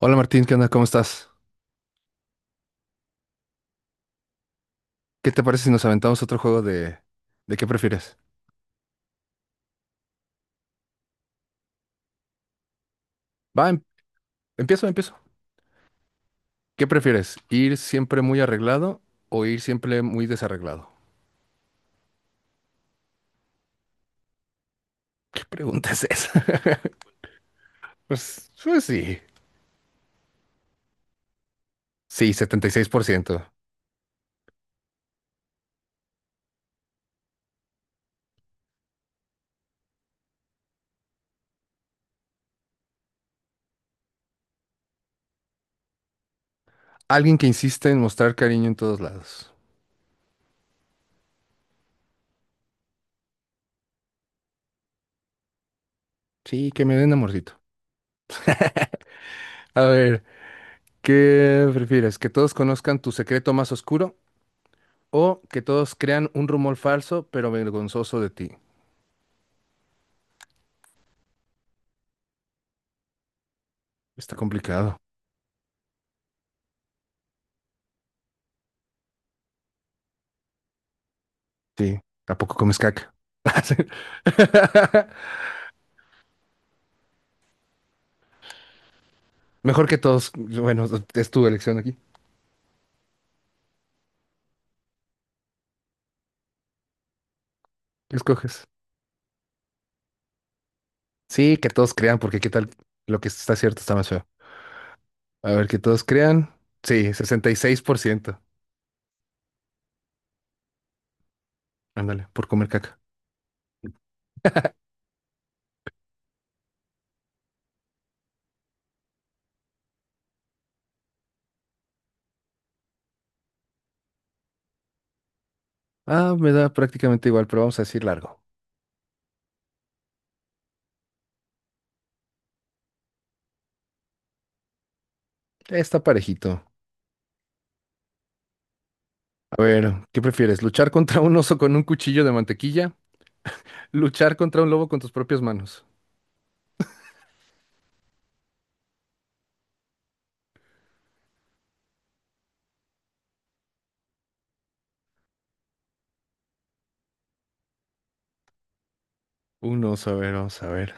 Hola Martín, ¿qué onda? ¿Cómo estás? ¿Qué te parece si nos aventamos otro juego de qué prefieres? Va, empiezo, empiezo. ¿Qué prefieres? ¿Ir siempre muy arreglado o ir siempre muy desarreglado? ¿Qué pregunta es esa? Pues, pues sí. Sí, 76%. Alguien que insiste en mostrar cariño en todos lados. Sí, que me den amorcito. A ver, ¿qué prefieres? ¿Que todos conozcan tu secreto más oscuro o que todos crean un rumor falso pero vergonzoso de ti? Está complicado. Sí, ¿a poco comes caca? Mejor que todos, bueno, es tu elección aquí. ¿Qué escoges? Sí, que todos crean, porque qué tal lo que está cierto está más feo. A ver, que todos crean. Sí, 66%. Ándale, por comer caca. Ah, me da prácticamente igual, pero vamos a decir largo. Está parejito. A ver, ¿qué prefieres? ¿Luchar contra un oso con un cuchillo de mantequilla? ¿Luchar contra un lobo con tus propias manos? Un oso, a ver, vamos a ver.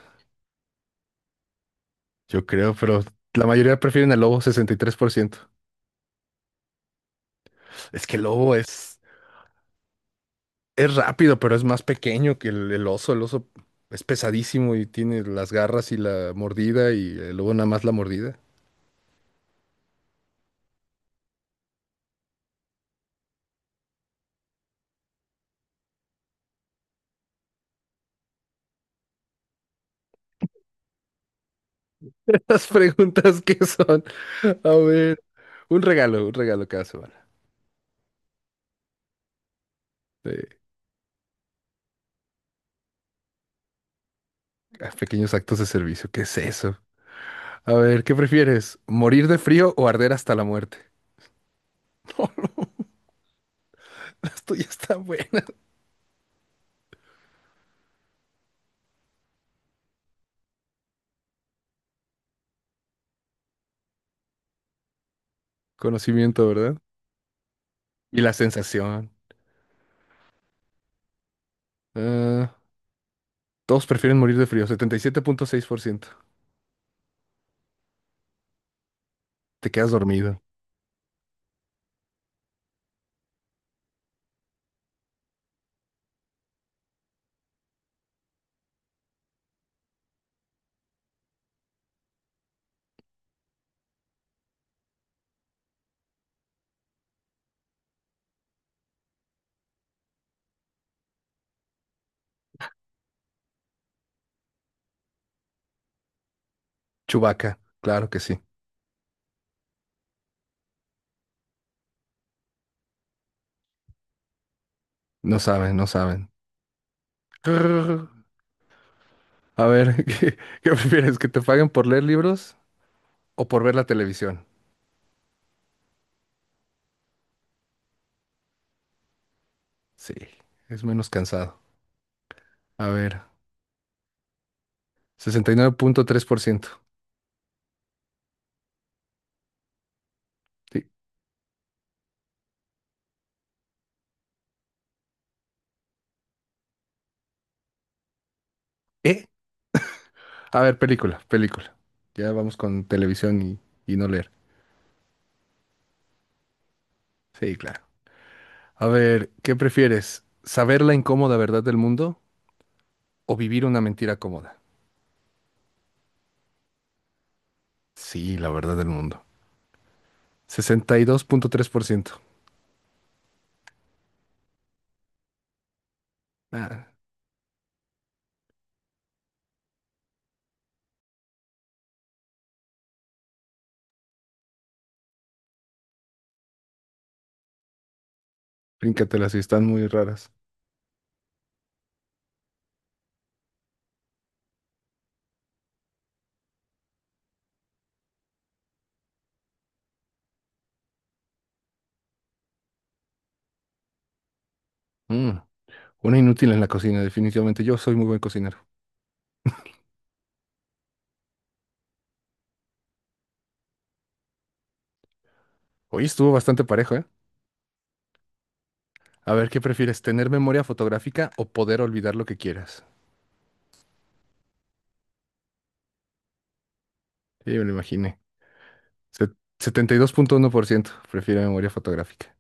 Yo creo, pero la mayoría prefieren al lobo, 63%. Es que el lobo es rápido, pero es más pequeño que el oso. El oso es pesadísimo y tiene las garras y la mordida y el lobo nada más la mordida. Las preguntas que son. A ver, un regalo cada semana. de- Pequeños actos de servicio. ¿Qué es eso? A ver, ¿qué prefieres? ¿Morir de frío o arder hasta la muerte? No, las tuyas están buenas. Conocimiento, ¿verdad? Y la sensación. Ah, todos prefieren morir de frío, 77.6%. Te quedas dormido. Chubaca, claro que sí. No saben, no saben. Grrr. A ver, ¿qué, qué prefieres? ¿Que te paguen por leer libros o por ver la televisión? Sí, es menos cansado. A ver, 69.3%. Sí. ¿Eh? A ver, película, película. Ya vamos con televisión y no leer. Sí, claro. A ver, ¿qué prefieres? ¿Saber la incómoda verdad del mundo o vivir una mentira cómoda? Sí, la verdad del mundo. 62.3%. Ah, bríncatelas y están muy raras. Mm. Una inútil en la cocina, definitivamente. Yo soy muy buen cocinero. Hoy estuvo bastante parejo, ¿eh? A ver, ¿qué prefieres? ¿Tener memoria fotográfica o poder olvidar lo que quieras? Sí, me lo imaginé. 72.1% prefiere memoria fotográfica.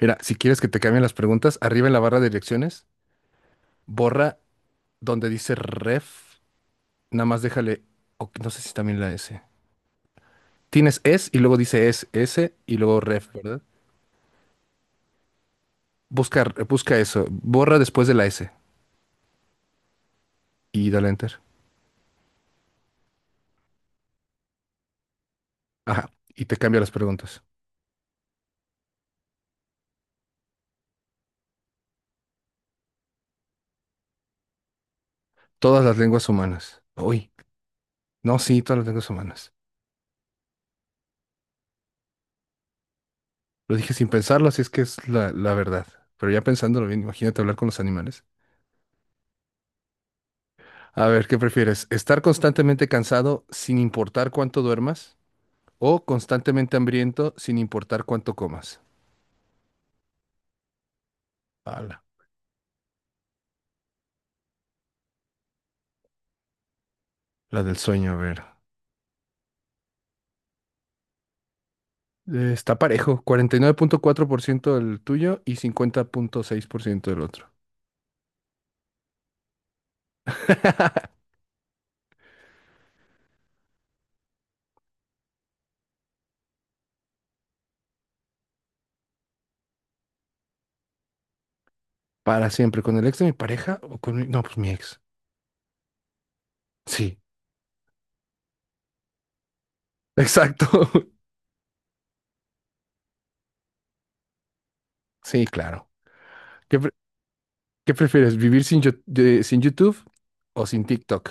Mira, si quieres que te cambien las preguntas, arriba en la barra de direcciones, borra donde dice ref, nada más déjale, o no sé si también la S. Tienes es y luego dice es, S y luego ref, ¿verdad? Busca, busca eso, borra después de la S y dale enter. Ajá, y te cambia las preguntas. Todas las lenguas humanas. Uy, no, sí, todas las lenguas humanas. Lo dije sin pensarlo, así es que es la verdad. Pero ya pensándolo bien, imagínate hablar con los animales. A ver, ¿qué prefieres? ¿Estar constantemente cansado sin importar cuánto duermas? ¿O constantemente hambriento sin importar cuánto comas? Ala, la del sueño, a ver. Está parejo, 49.4% del tuyo y 50.6% del otro. Para siempre, ¿con el ex de mi pareja o con mi... No, pues mi ex. Sí, exacto. Sí, claro. ¿Qué, ¿Qué prefieres, vivir sin, sin YouTube o sin TikTok?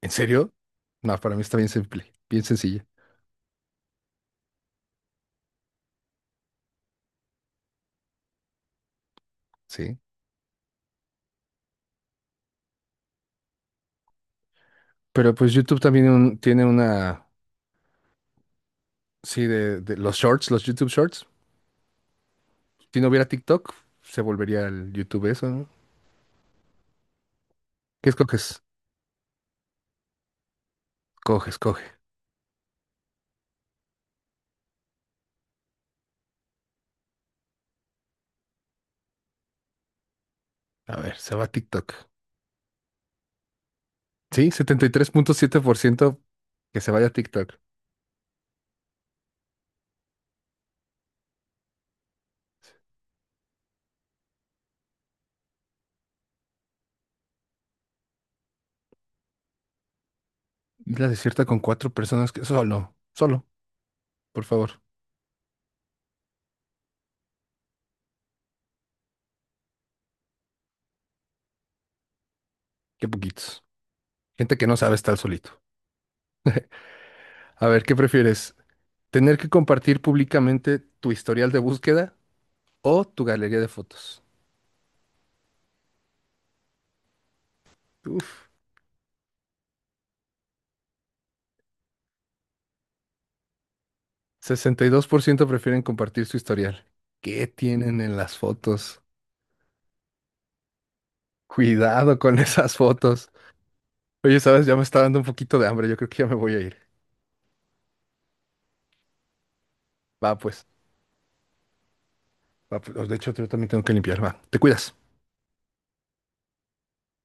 ¿En serio? No, para mí está bien simple, bien sencilla, sí. Pero pues YouTube también tiene una, sí, de, los shorts, los YouTube Shorts. Si no hubiera TikTok, se volvería el YouTube eso, ¿no? ¿Qué escoges? Coges, coge. A ver, se va a TikTok. Sí, 73.7% que se vaya a TikTok. Isla desierta con cuatro personas que... Solo, solo, por favor. Qué poquitos. Gente que no sabe estar solito. A ver, ¿qué prefieres? Tener que compartir públicamente tu historial de búsqueda o tu galería de fotos. Uf, 62% prefieren compartir su historial. ¿Qué tienen en las fotos? Cuidado con esas fotos. Oye, sabes, ya me está dando un poquito de hambre. Yo creo que ya me voy a ir. Va, pues. Va, pues. De hecho, yo también tengo que limpiar. Va, te cuidas.